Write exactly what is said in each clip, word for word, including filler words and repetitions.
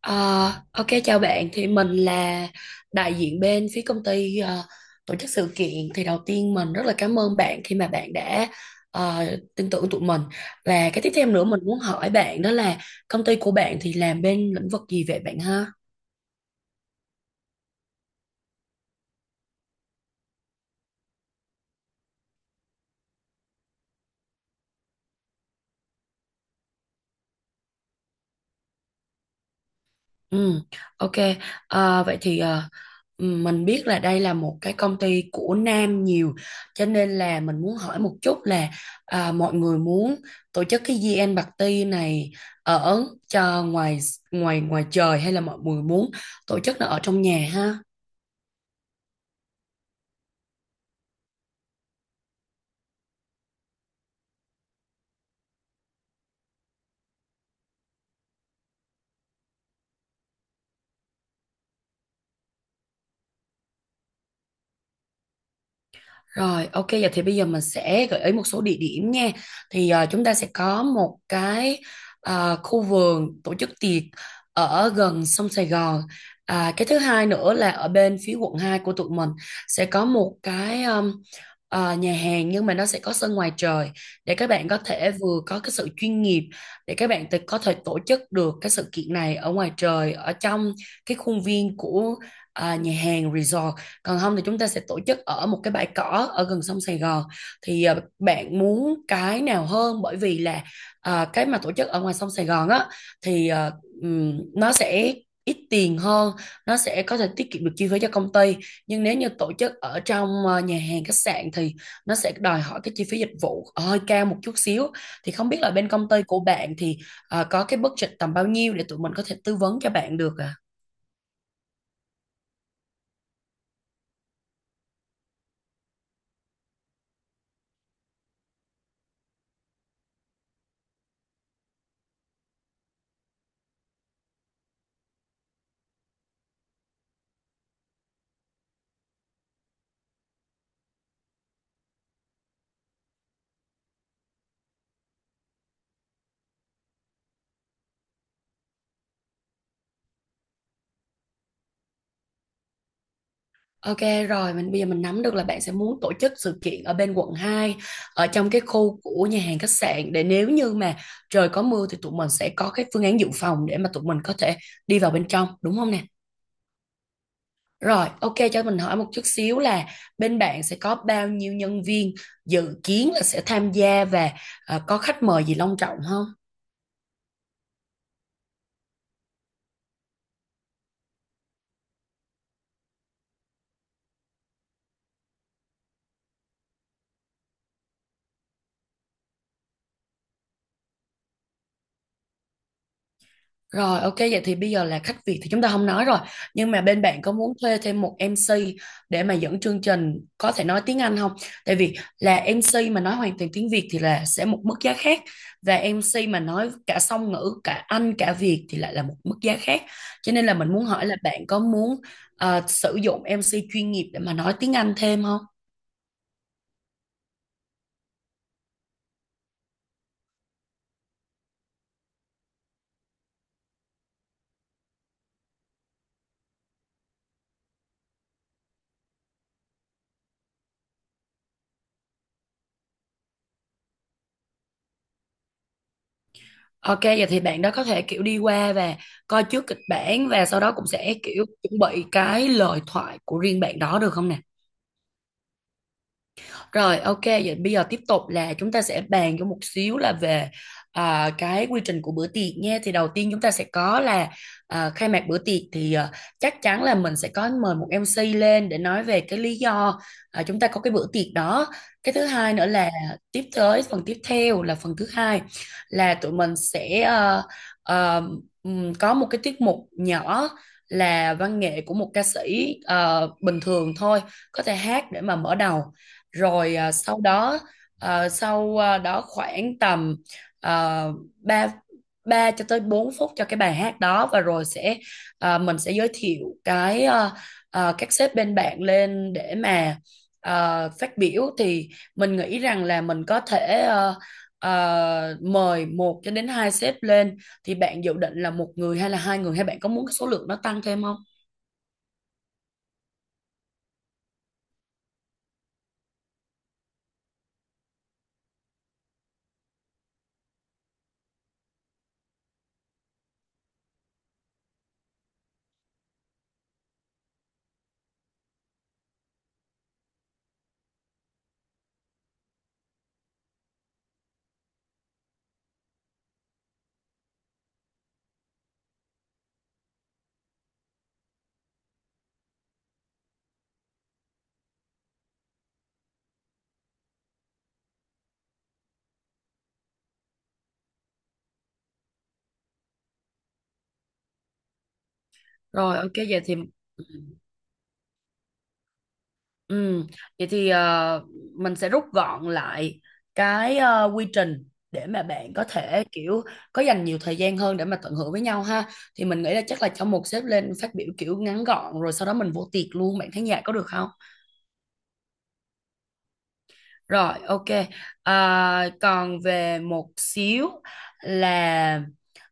Ờ, ok chào bạn, thì mình là đại diện bên phía công ty ờ, tổ chức sự kiện. Thì đầu tiên mình rất là cảm ơn bạn khi mà bạn đã ờ, tin tưởng tụi mình, và cái tiếp theo nữa mình muốn hỏi bạn đó là công ty của bạn thì làm bên lĩnh vực gì vậy bạn ha. Ừ, ok. À, vậy thì à, mình biết là đây là một cái công ty của nam nhiều, cho nên là mình muốn hỏi một chút là à, mọi người muốn tổ chức cái GN Party này ở cho ngoài ngoài ngoài trời hay là mọi người muốn tổ chức nó ở trong nhà ha? Rồi, ok, giờ thì bây giờ mình sẽ gợi ý một số địa điểm nha. Thì à, chúng ta sẽ có một cái à, khu vườn tổ chức tiệc ở gần sông Sài Gòn. À, cái thứ hai nữa là ở bên phía quận hai của tụi mình sẽ có một cái um, à, nhà hàng nhưng mà nó sẽ có sân ngoài trời để các bạn có thể vừa có cái sự chuyên nghiệp, để các bạn tự- có thể tổ chức được cái sự kiện này ở ngoài trời, ở trong cái khuôn viên của à, nhà hàng resort. Còn không thì chúng ta sẽ tổ chức ở một cái bãi cỏ ở gần sông Sài Gòn. Thì ờ, bạn muốn cái nào hơn? Bởi vì là ờ, cái mà tổ chức ở ngoài sông Sài Gòn á thì ờ, ừm, nó sẽ ít tiền hơn, nó sẽ có thể tiết kiệm được chi phí cho công ty, nhưng nếu như tổ chức ở trong ờ, nhà hàng khách sạn thì nó sẽ đòi hỏi cái chi phí dịch vụ hơi cao một chút xíu. Thì không biết là bên công ty của bạn thì ờ, có cái budget tầm bao nhiêu để tụi mình có thể tư vấn cho bạn được ạ? Ok rồi, mình bây giờ mình nắm được là bạn sẽ muốn tổ chức sự kiện ở bên quận hai, ở trong cái khu của nhà hàng khách sạn, để nếu như mà trời có mưa thì tụi mình sẽ có cái phương án dự phòng để mà tụi mình có thể đi vào bên trong, đúng không nè? Rồi, ok, cho mình hỏi một chút xíu là bên bạn sẽ có bao nhiêu nhân viên dự kiến là sẽ tham gia, và ờ, có khách mời gì long trọng không? Rồi ok, vậy thì bây giờ là khách Việt thì chúng ta không nói rồi. Nhưng mà bên bạn có muốn thuê thêm một em xê để mà dẫn chương trình có thể nói tiếng Anh không? Tại vì là em xê mà nói hoàn toàn tiếng Việt thì là sẽ một mức giá khác, và em xê mà nói cả song ngữ, cả Anh, cả Việt thì lại là một mức giá khác. Cho nên là mình muốn hỏi là bạn có muốn ờ, sử dụng em xê chuyên nghiệp để mà nói tiếng Anh thêm không? Ok, vậy thì bạn đó có thể kiểu đi qua và coi trước kịch bản, và sau đó cũng sẽ kiểu chuẩn bị cái lời thoại của riêng bạn đó, được không nè? Rồi ok, vậy bây giờ tiếp tục là chúng ta sẽ bàn cho một xíu là về à, cái quy trình của bữa tiệc nha. Thì đầu tiên chúng ta sẽ có là à, khai mạc bữa tiệc, thì à, chắc chắn là mình sẽ có mời một em xê lên để nói về cái lý do à, chúng ta có cái bữa tiệc đó. Cái thứ hai nữa là tiếp tới phần tiếp theo là phần thứ hai, là tụi mình sẽ ờ, ờ, ừm, có một cái tiết mục nhỏ là văn nghệ của một ca sĩ ờ, bình thường thôi, có thể hát để mà mở đầu. Rồi à, sau đó à, sau à, đó khoảng tầm uh, ba 3 cho tới bốn phút cho cái bài hát đó, và rồi sẽ à, mình sẽ giới thiệu cái à, à, các sếp bên bạn lên để mà à, phát biểu. Thì mình nghĩ rằng là mình có thể à, à, mời một cho đến hai sếp lên, thì bạn dự định là một người hay là hai người, hay bạn có muốn cái số lượng nó tăng thêm không? Rồi ok, vậy thì. Ừ, vậy thì ờ, mình sẽ rút gọn lại cái ờ, quy trình để mà bạn có thể kiểu có dành nhiều thời gian hơn để mà tận hưởng với nhau ha. Thì mình nghĩ là chắc là cho một sếp lên phát biểu kiểu ngắn gọn rồi sau đó mình vô tiệc luôn, bạn khán giả có được không? Rồi, ok. À, còn về một xíu là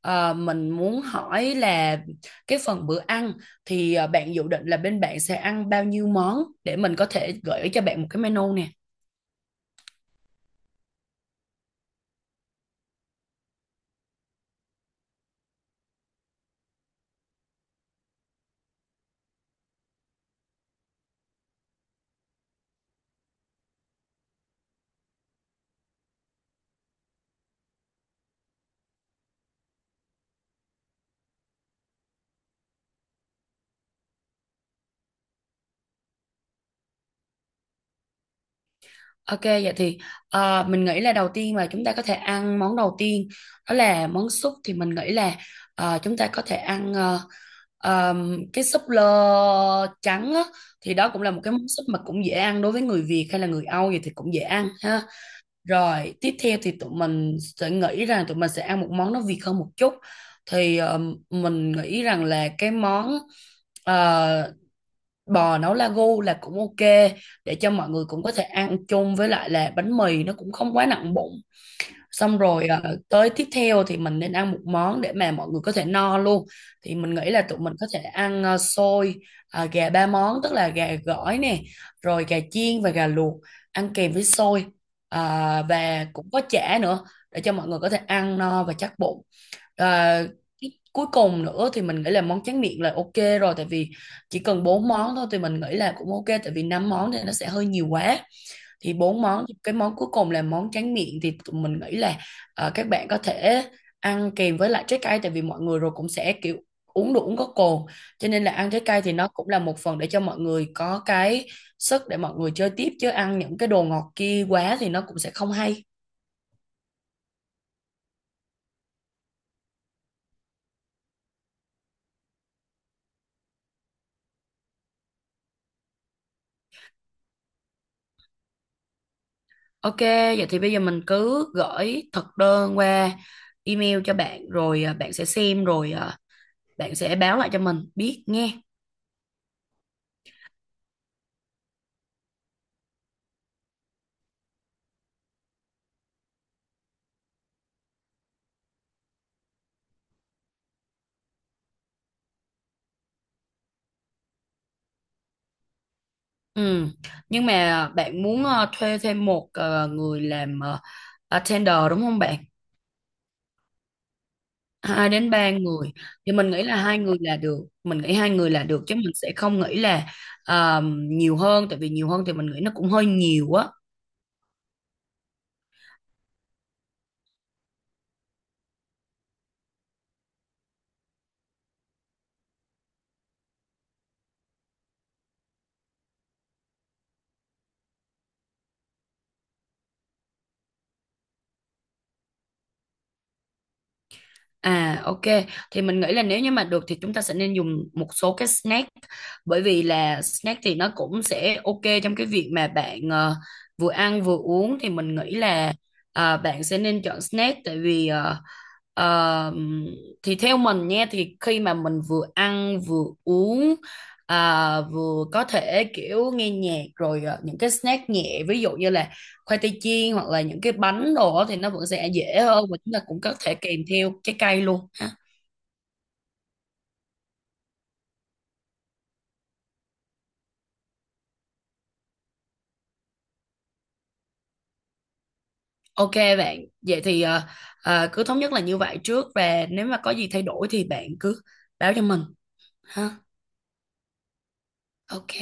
ờ, mình muốn hỏi là cái phần bữa ăn thì ờ, bạn dự định là bên bạn sẽ ăn bao nhiêu món để mình có thể gửi cho bạn một cái menu nè. Ok, vậy thì ờ, mình nghĩ là đầu tiên là chúng ta có thể ăn món đầu tiên đó là món súp. Thì mình nghĩ là ờ, chúng ta có thể ăn ờ, ờm, cái súp lơ trắng á, thì đó cũng là một cái món súp mà cũng dễ ăn đối với người Việt hay là người Âu gì thì cũng dễ ăn ha. Rồi tiếp theo thì tụi mình sẽ nghĩ rằng tụi mình sẽ ăn một món nó Việt hơn một chút, thì ờm, mình nghĩ rằng là cái món uh, bò nấu lagu là cũng ok, để cho mọi người cũng có thể ăn chung với lại là bánh mì, nó cũng không quá nặng bụng. Xong rồi ờ, tới tiếp theo thì mình nên ăn một món để mà mọi người có thể no luôn, thì mình nghĩ là tụi mình có thể ăn ờ, xôi ờ, gà ba món, tức là gà gỏi nè, rồi gà chiên và gà luộc, ăn kèm với xôi. Ờ, và cũng có chả nữa để cho mọi người có thể ăn no và chắc bụng. À, cái- cuối cùng nữa thì mình nghĩ là món tráng miệng là ok rồi, tại vì chỉ cần bốn món thôi thì mình nghĩ là cũng ok, tại vì năm món thì nó sẽ hơi nhiều quá. Thì bốn món, cái món cuối cùng là món tráng miệng, thì tụi mình nghĩ là ờ, các bạn có thể ăn kèm với lại trái cây, tại vì mọi người rồi cũng sẽ kiểu uống đồ uống có cồn, cho nên là ăn trái cây thì nó cũng là một phần để cho mọi người có cái sức để mọi người chơi tiếp, chứ ăn những cái đồ ngọt kia quá thì nó cũng sẽ không hay. Ok, vậy thì bây giờ mình cứ gửi thực đơn qua email cho bạn, rồi à, bạn sẽ xem rồi à, bạn sẽ báo lại cho mình biết nghe. Ừ. Nhưng mà bạn muốn à, thuê thêm một à, người làm à, attender đúng không bạn? Hai đến ba người thì mình nghĩ là hai người là được. Mình nghĩ hai người là được, chứ mình sẽ không nghĩ là à, nhiều hơn, tại vì nhiều hơn thì mình nghĩ nó cũng hơi nhiều á. À ok, thì mình nghĩ là nếu như mà được thì chúng ta sẽ nên dùng một số cái snack, bởi vì là snack thì nó cũng sẽ ok trong cái việc mà bạn ờ, vừa ăn vừa uống. Thì mình nghĩ là ờ, bạn sẽ nên chọn snack, tại vì ờ, ờ, thì theo mình nha, thì khi mà mình vừa ăn vừa uống à, vừa có thể kiểu nghe nhạc, rồi ờ, những cái snack nhẹ ví dụ như là khoai tây chiên hoặc là những cái bánh đồ á, thì nó vẫn sẽ dễ hơn và chúng ta cũng có thể kèm theo trái cây luôn ha. Ok bạn, vậy thì ờ, ờ, cứ thống nhất là như vậy trước, và nếu mà có gì thay đổi thì bạn cứ báo cho mình ha. Ok.